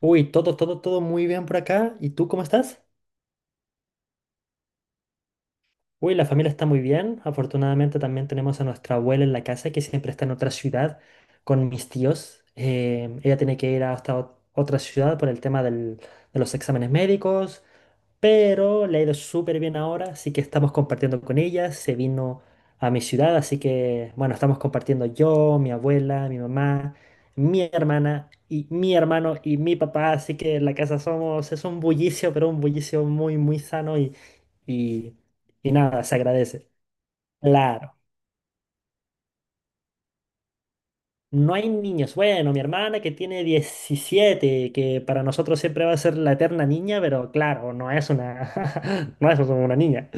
Uy, todo muy bien por acá. ¿Y tú cómo estás? Uy, la familia está muy bien. Afortunadamente también tenemos a nuestra abuela en la casa que siempre está en otra ciudad con mis tíos. Ella tiene que ir hasta otra ciudad por de los exámenes médicos, pero le ha ido súper bien ahora, así que estamos compartiendo con ella. Se vino a mi ciudad, así que bueno, estamos compartiendo yo, mi abuela, mi mamá, mi hermana y mi hermano y mi papá, así que en la casa somos, es un bullicio, pero un bullicio muy sano y, y nada, se agradece. Claro, no hay niños. Bueno, mi hermana que tiene 17 que para nosotros siempre va a ser la eterna niña, pero claro, no es una, no es una niña.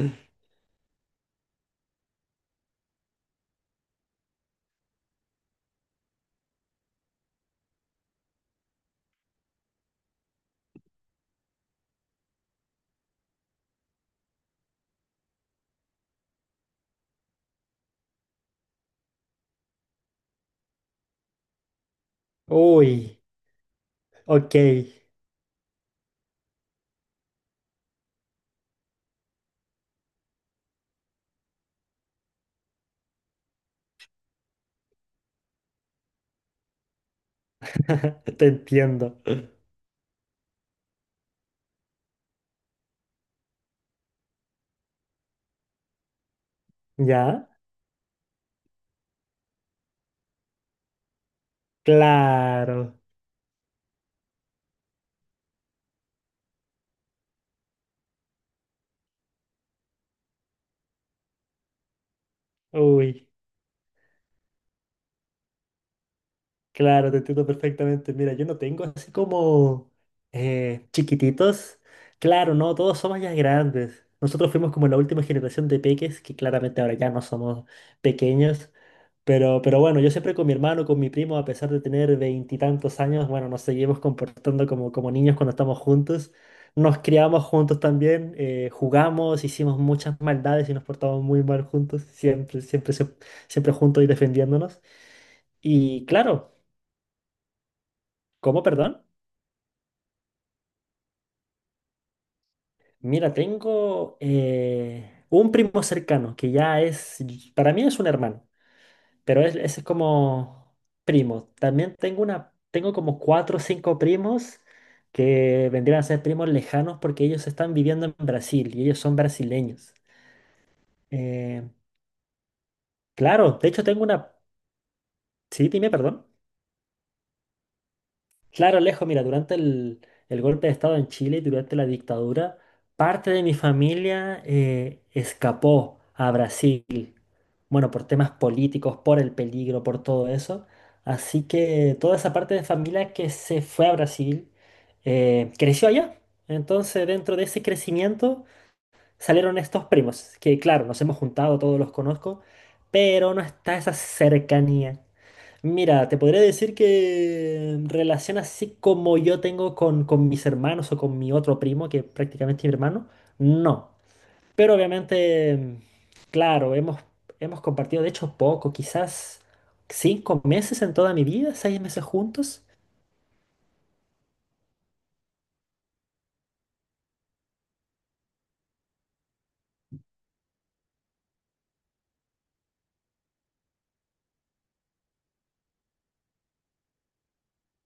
Uy, ok, te entiendo. ¿Ya? Claro, uy. Claro, te entiendo perfectamente. Mira, yo no tengo así como chiquititos. Claro, no, todos somos ya grandes. Nosotros fuimos como la última generación de peques, que claramente ahora ya no somos pequeños. Pero bueno, yo siempre con mi hermano, con mi primo, a pesar de tener 20 y tantos años, bueno, nos seguimos comportando como niños cuando estamos juntos. Nos criamos juntos también, jugamos, hicimos muchas maldades y nos portamos muy mal juntos, siempre juntos y defendiéndonos. Y claro, ¿cómo, perdón? Mira, tengo un primo cercano que ya para mí es un hermano, pero ese es como primo. También tengo tengo como cuatro o cinco primos que vendrían a ser primos lejanos porque ellos están viviendo en Brasil y ellos son brasileños. Eh, claro, de hecho tengo una, sí, dime, perdón. Claro, Alejo, mira, durante el golpe de Estado en Chile y durante la dictadura, parte de mi familia escapó a Brasil. Bueno, por temas políticos, por el peligro, por todo eso. Así que toda esa parte de familia que se fue a Brasil creció allá. Entonces, dentro de ese crecimiento salieron estos primos, que claro, nos hemos juntado, todos los conozco, pero no está esa cercanía. Mira, te podría decir que relación así como yo tengo con mis hermanos o con mi otro primo, que prácticamente es mi hermano, no. Pero obviamente, claro, hemos compartido, de hecho, poco, quizás 5 meses en toda mi vida, 6 meses juntos.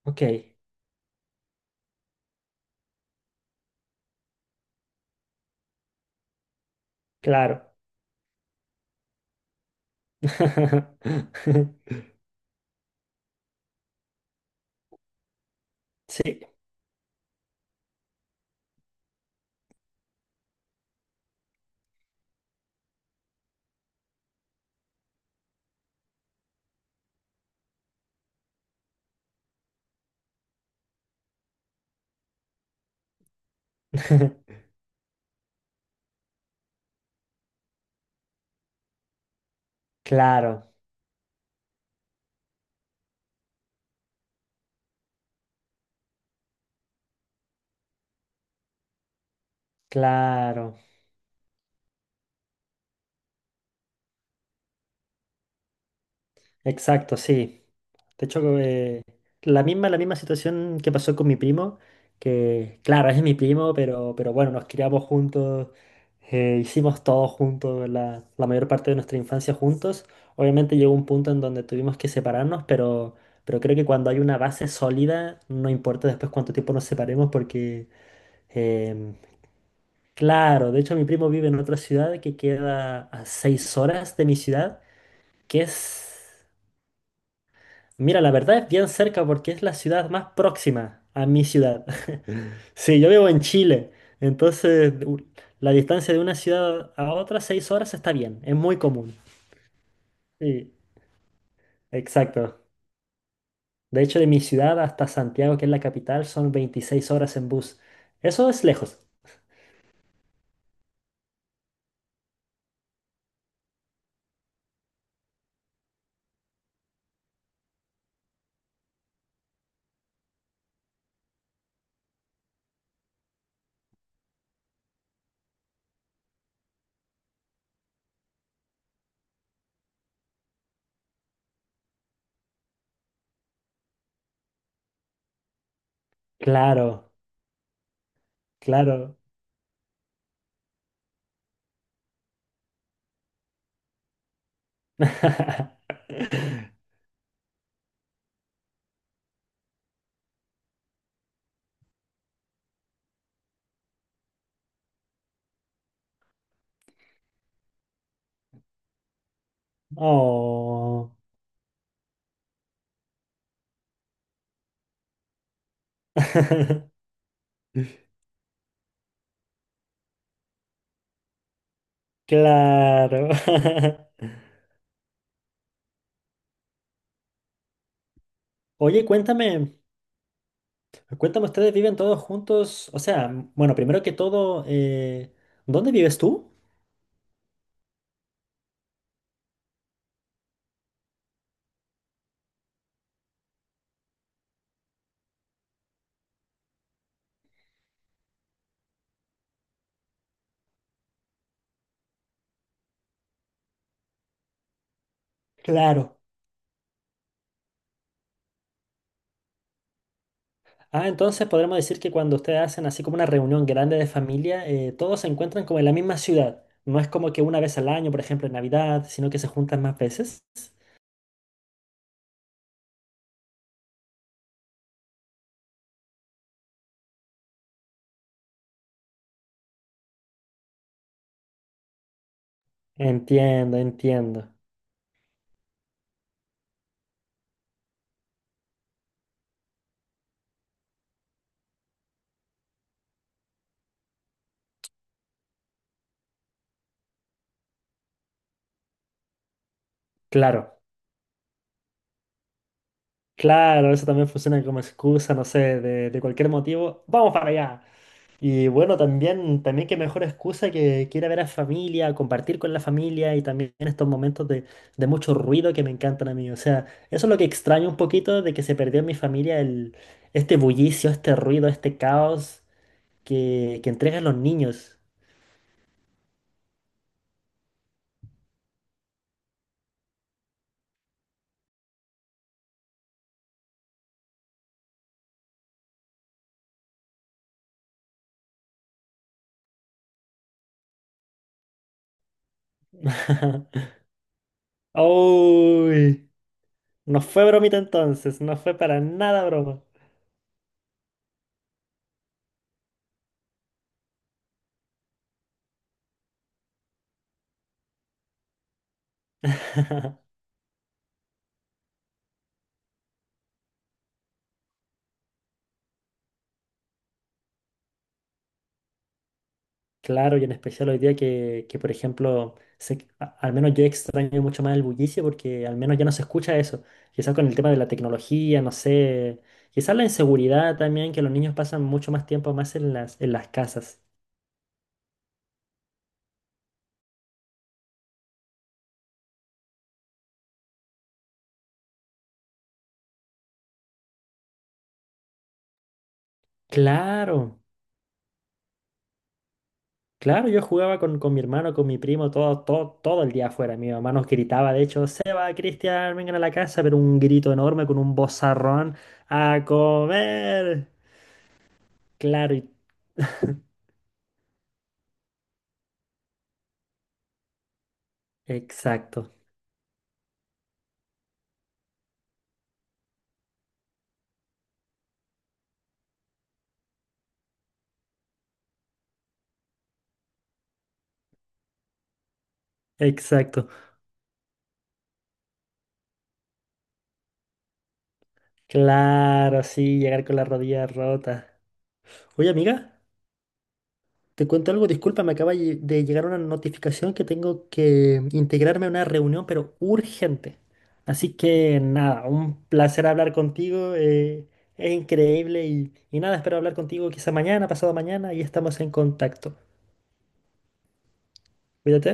Ok, claro. Sí, claro, claro. Exacto, sí. De hecho, la misma situación que pasó con mi primo, que claro, es mi primo, pero bueno, nos criamos juntos, hicimos todo juntos, la mayor parte de nuestra infancia juntos. Obviamente llegó un punto en donde tuvimos que separarnos, pero creo que cuando hay una base sólida, no importa después cuánto tiempo nos separemos, porque em, claro, de hecho mi primo vive en otra ciudad que queda a 6 horas de mi ciudad, que es... Mira, la verdad es bien cerca porque es la ciudad más próxima a mi ciudad. Sí, yo vivo en Chile, entonces la distancia de una ciudad a otra, 6 horas, está bien, es muy común. Sí, exacto. De hecho, de mi ciudad hasta Santiago, que es la capital, son 26 horas en bus. Eso es lejos. Claro, claro. Oh. Claro. Oye, cuéntame, cuéntame, ¿ustedes viven todos juntos? O sea, bueno, primero que todo, ¿dónde vives tú? Claro. Ah, entonces podremos decir que cuando ustedes hacen así como una reunión grande de familia, todos se encuentran como en la misma ciudad. No es como que una vez al año, por ejemplo, en Navidad, sino que se juntan más veces. Entiendo, entiendo. Claro, claro, eso también funciona como excusa, no sé, de cualquier motivo. ¡Vamos para allá! Y bueno, también, también qué mejor excusa que ir a ver a familia, compartir con la familia y también estos momentos de mucho ruido que me encantan a mí. O sea, eso es lo que extraño un poquito de que se perdió en mi familia este bullicio, este ruido, este caos que entregan los niños. Uy, no fue bromita entonces, no fue para nada broma. Claro, y en especial hoy día por ejemplo, al menos yo extraño mucho más el bullicio porque al menos ya no se escucha eso. Quizás con el tema de la tecnología, no sé, quizás la inseguridad también, que los niños pasan mucho más tiempo más en en las casas. Claro, claro, yo jugaba con mi hermano, con mi primo, todo el día afuera. Mi mamá nos gritaba, de hecho, Seba, Cristian, vengan a la casa, pero un grito enorme con un bozarrón, a comer. Claro, exacto, exacto. Claro, sí, llegar con la rodilla rota. Oye, amiga, te cuento algo, disculpa, me acaba de llegar una notificación que tengo que integrarme a una reunión, pero urgente. Así que nada, un placer hablar contigo, es increíble y nada, espero hablar contigo quizá mañana, pasado mañana y estamos en contacto. Cuídate.